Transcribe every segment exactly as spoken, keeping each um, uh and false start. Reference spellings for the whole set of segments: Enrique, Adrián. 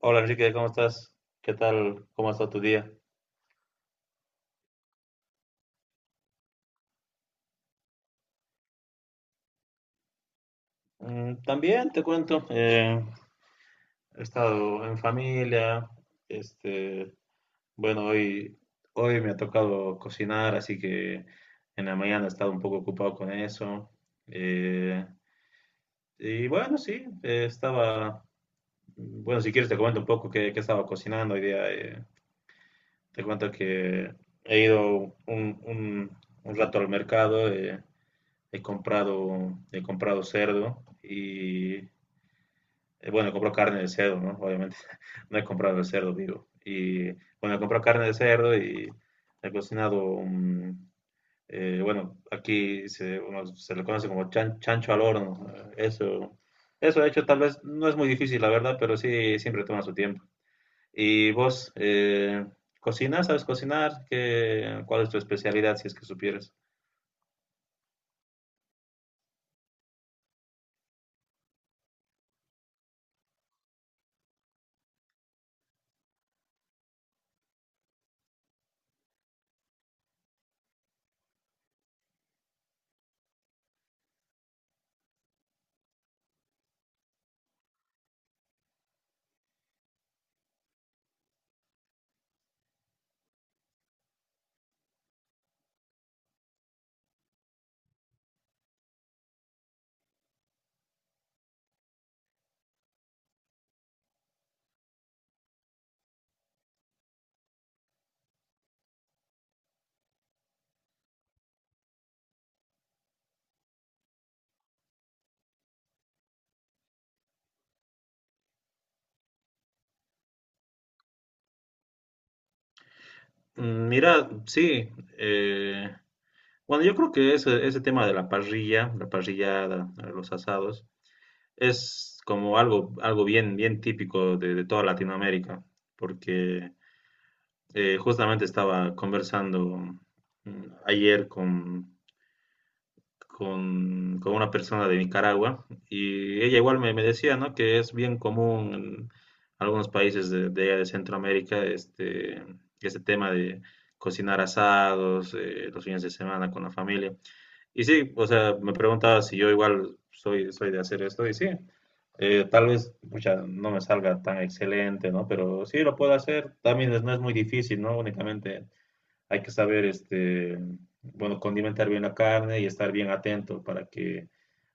Hola Enrique, ¿cómo estás? ¿Qué tal? ¿Cómo ha estado tu día? Mm, también te cuento, eh, he estado en familia, este, bueno, hoy, hoy me ha tocado cocinar, así que en la mañana he estado un poco ocupado con eso. eh, y bueno, sí, eh, estaba, bueno, si quieres te comento un poco qué, qué estaba cocinando hoy día. Eh, te cuento que he ido un, un- un rato al mercado. eh, he comprado, he comprado cerdo y, eh, bueno, he comprado carne de cerdo, ¿no? Obviamente, no he comprado el cerdo vivo. Y bueno, he comprado carne de cerdo y he cocinado un, eh, bueno, aquí se, uno se le conoce como chan- chancho al horno. Eh, Eso, eso de hecho tal vez no es muy difícil, la verdad, pero sí siempre toma su tiempo. ¿Y vos eh, cocinas? ¿Sabes cocinar? ¿Qué, cuál es tu especialidad si es que supieras? Mm, mira, sí, bueno, yo creo que ese, ese tema de la parrilla, la parrillada, eh, los asados, es como algo, algo bien, bien típico de, de toda Latinoamérica, porque eh, justamente estaba conversando mm, ayer con, con, con una persona de Nicaragua y ella igual me, me decía, ¿no? Que es bien común en algunos países de, de, allá de Centroamérica este, este tema de cocinar asados, eh, los fines de semana con la familia. Y sí, o sea, me preguntaba si yo igual soy, soy de hacer esto y sí, eh, tal vez pucha, no me salga tan excelente, ¿no? Pero sí lo puedo hacer, también es- no es muy difícil, ¿no? Únicamente hay que saber, este, bueno, condimentar bien la carne y estar bien atento para que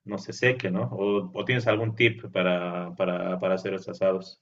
no se seque, ¿no? ¿O, o tienes algún tip para, para, para hacer los asados?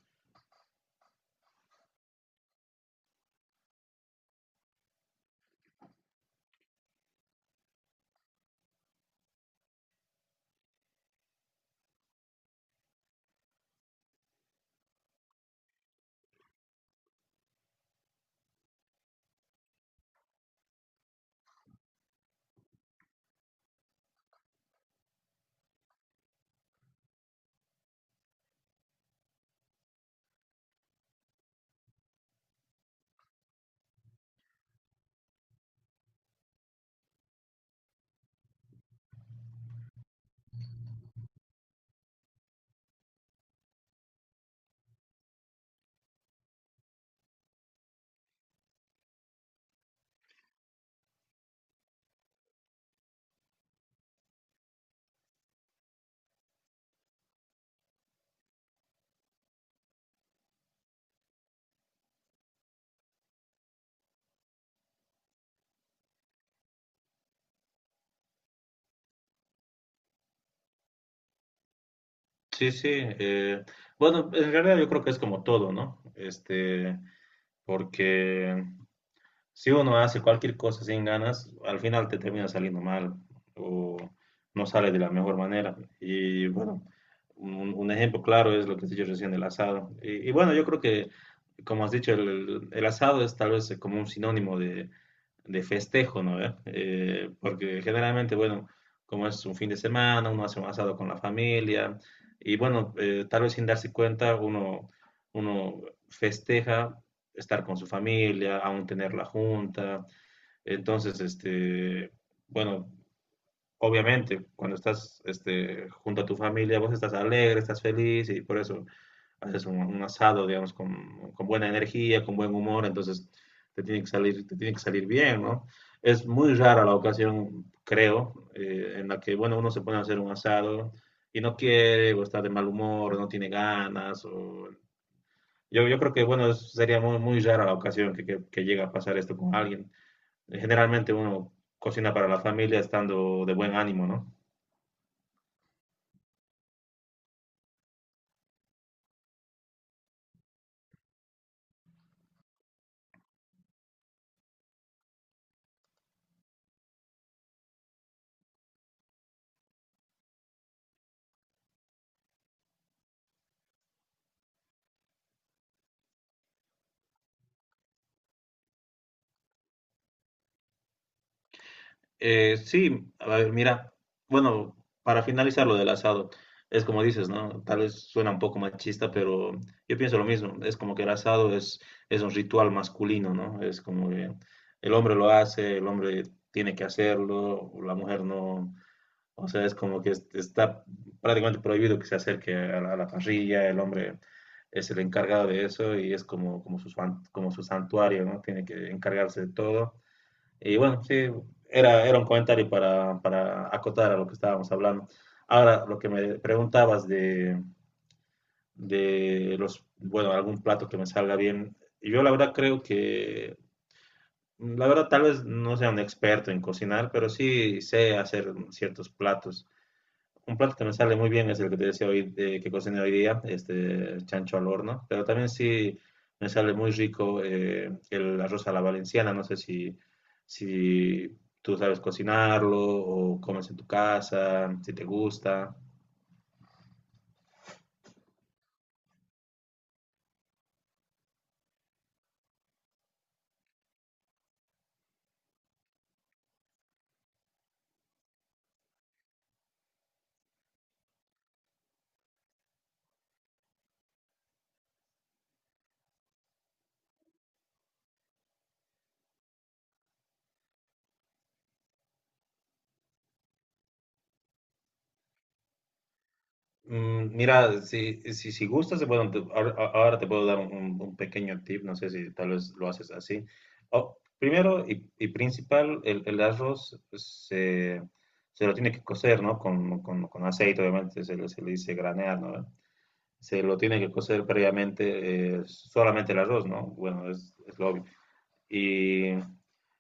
Sí, sí. Eh, bueno, en realidad yo creo que es como todo, ¿no? Este, porque si uno hace cualquier cosa sin ganas, al final te termina saliendo mal o no sale de la mejor manera. Y bueno, un, un ejemplo claro es lo que has dicho recién del asado. Y, y bueno, yo creo que, como has dicho, el, el asado es tal vez como un sinónimo de, de festejo, ¿no? ¿Eh? Eh, porque generalmente, bueno, como es un fin de semana, uno hace un asado con la familia y bueno, eh, tal vez sin darse cuenta, uno, uno festeja estar con su familia, aún tener la junta. Entonces, este, bueno, obviamente, cuando estás este, junto a tu familia, vos estás alegre, estás feliz y por eso haces un, un asado, digamos, con, con, buena energía, con buen humor, entonces te tiene que salir, te tiene que salir bien, ¿no? Es muy rara la ocasión, creo, eh, en la que, bueno, uno se pone a hacer un asado y no quiere, o está de mal humor, o no tiene ganas, o yo, yo creo que, bueno, es- sería muy, muy rara la ocasión que, que, que llegue a pasar esto con alguien. Generalmente uno cocina para la familia estando de buen ánimo, ¿no? Eh, sí, a ver, mira, bueno, para finalizar lo del asado, es como dices, ¿no? Tal vez suena un poco machista, pero yo pienso lo mismo. Es como que el asado es, es un ritual masculino, ¿no? Es como que el hombre lo hace, el hombre tiene que hacerlo, la mujer no. O sea, es como que es- está prácticamente prohibido que se acerque a la, a la parrilla, el hombre es el encargado de eso y es como, como, su, san- como su santuario, ¿no? Tiene que encargarse de todo. Y bueno, sí, era, era un comentario para, para acotar a lo que estábamos hablando. Ahora, lo que me preguntabas de, de los, bueno, algún plato que me salga bien, yo la verdad creo que, la verdad tal vez no sea un experto en cocinar, pero sí sé hacer ciertos platos. Un plato que me sale muy bien es el que te decía hoy, eh, que cociné hoy día, este chancho al horno, pero también sí me sale muy rico eh, el arroz a la valenciana, no sé si, si tú sabes cocinarlo o comes en tu casa, si te gusta. Mm, mira, si, si, si gustas, bueno, te- ahora ahora te puedo dar un, un pequeño tip, no sé si tal vez lo haces así. O- primero y, y principal, el, el arroz se, se lo tiene que cocer, ¿no? Con, con- con aceite, obviamente, se le, se le dice granear, ¿no? Se lo tiene que cocer previamente eh, solamente el arroz, ¿no? Bueno, es, es lo obvio. Y, y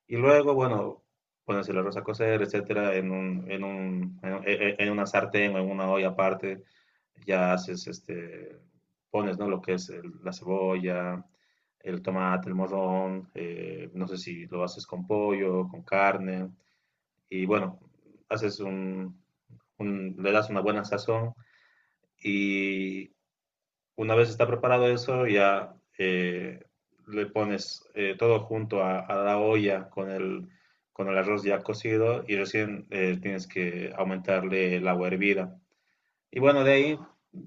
luego, bueno, bueno, si la rosa a cocer, etcétera, en un, en un, en, en- en una sartén o en una olla aparte, ya haces, este, pones, ¿no? Lo que es el- la cebolla, el tomate, el morrón, eh, no sé si lo haces con pollo, con carne, y bueno, haces un, un- le das una buena sazón y, una vez está preparado eso, ya eh, le pones eh, todo junto a, a, la olla con el, con el arroz ya cocido y recién eh, tienes que aumentarle el agua hervida. Y bueno, de ahí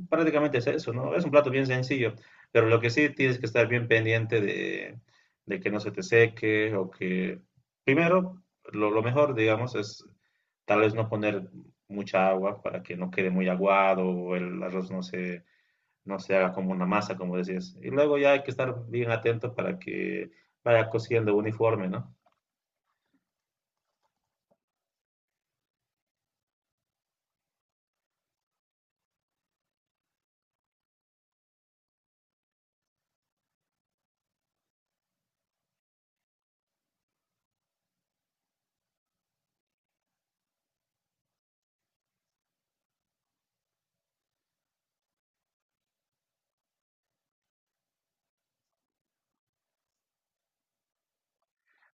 prácticamente es eso, ¿no? Es un plato bien sencillo, pero lo que sí tienes que estar bien pendiente de, de que no se te seque o que... Primero, lo, lo mejor, digamos, es tal vez no poner mucha agua para que no quede muy aguado o el arroz no se no se haga como una masa, como decías. Y luego ya hay que estar bien atento para que vaya cosiendo uniforme, ¿no?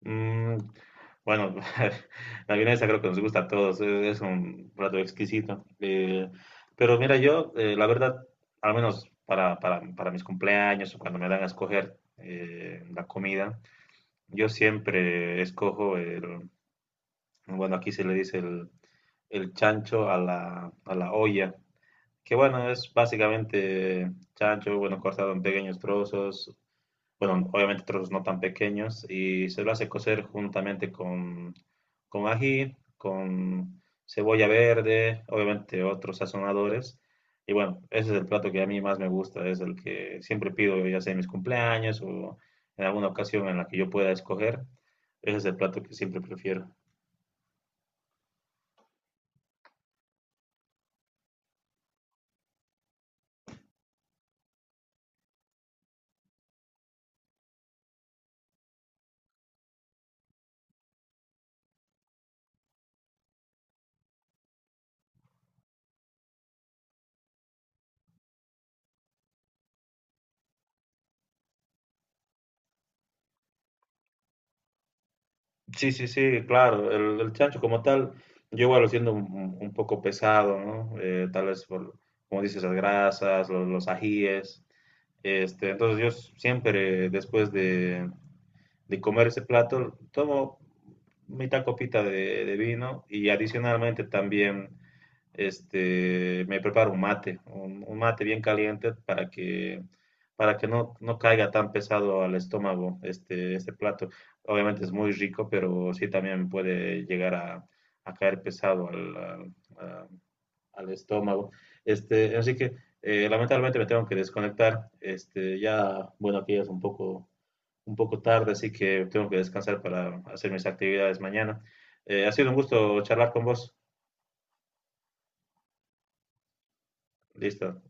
Mm, bueno, la vienesa creo que nos gusta a todos, es, es un plato exquisito. Eh, pero mira, yo, eh, la verdad, al menos para, para, para mis cumpleaños o cuando me dan a escoger eh, la comida, yo siempre escojo el, bueno, aquí se le dice el, el chancho a la, a la olla, que bueno, es básicamente chancho, bueno, cortado en pequeños trozos, bueno, obviamente trozos no tan pequeños, y se lo hace cocer juntamente con, con ají, con cebolla verde, obviamente otros sazonadores. Y bueno, ese es el plato que a mí más me gusta, es el que siempre pido, ya sea en mis cumpleaños o en alguna ocasión en la que yo pueda escoger. Ese es el plato que siempre prefiero. Sí, sí, sí, claro, el, el chancho como tal, yo igual lo siento un, un poco pesado, ¿no? Eh, tal vez por, como dices, las grasas, los, los ajíes, este, entonces yo siempre después de, de comer ese plato tomo mitad copita de, de vino y adicionalmente también este, me preparo un mate, un, un mate bien caliente para que, para que no, no caiga tan pesado al estómago este, este plato. Obviamente es muy rico, pero sí también puede llegar a, a caer pesado al, al, a- al estómago. Este, así que eh, lamentablemente me tengo que desconectar. Este, ya, bueno, aquí ya es un poco, un poco tarde, así que tengo que descansar para hacer mis actividades mañana. Eh, ha sido un gusto charlar con vos. Listo.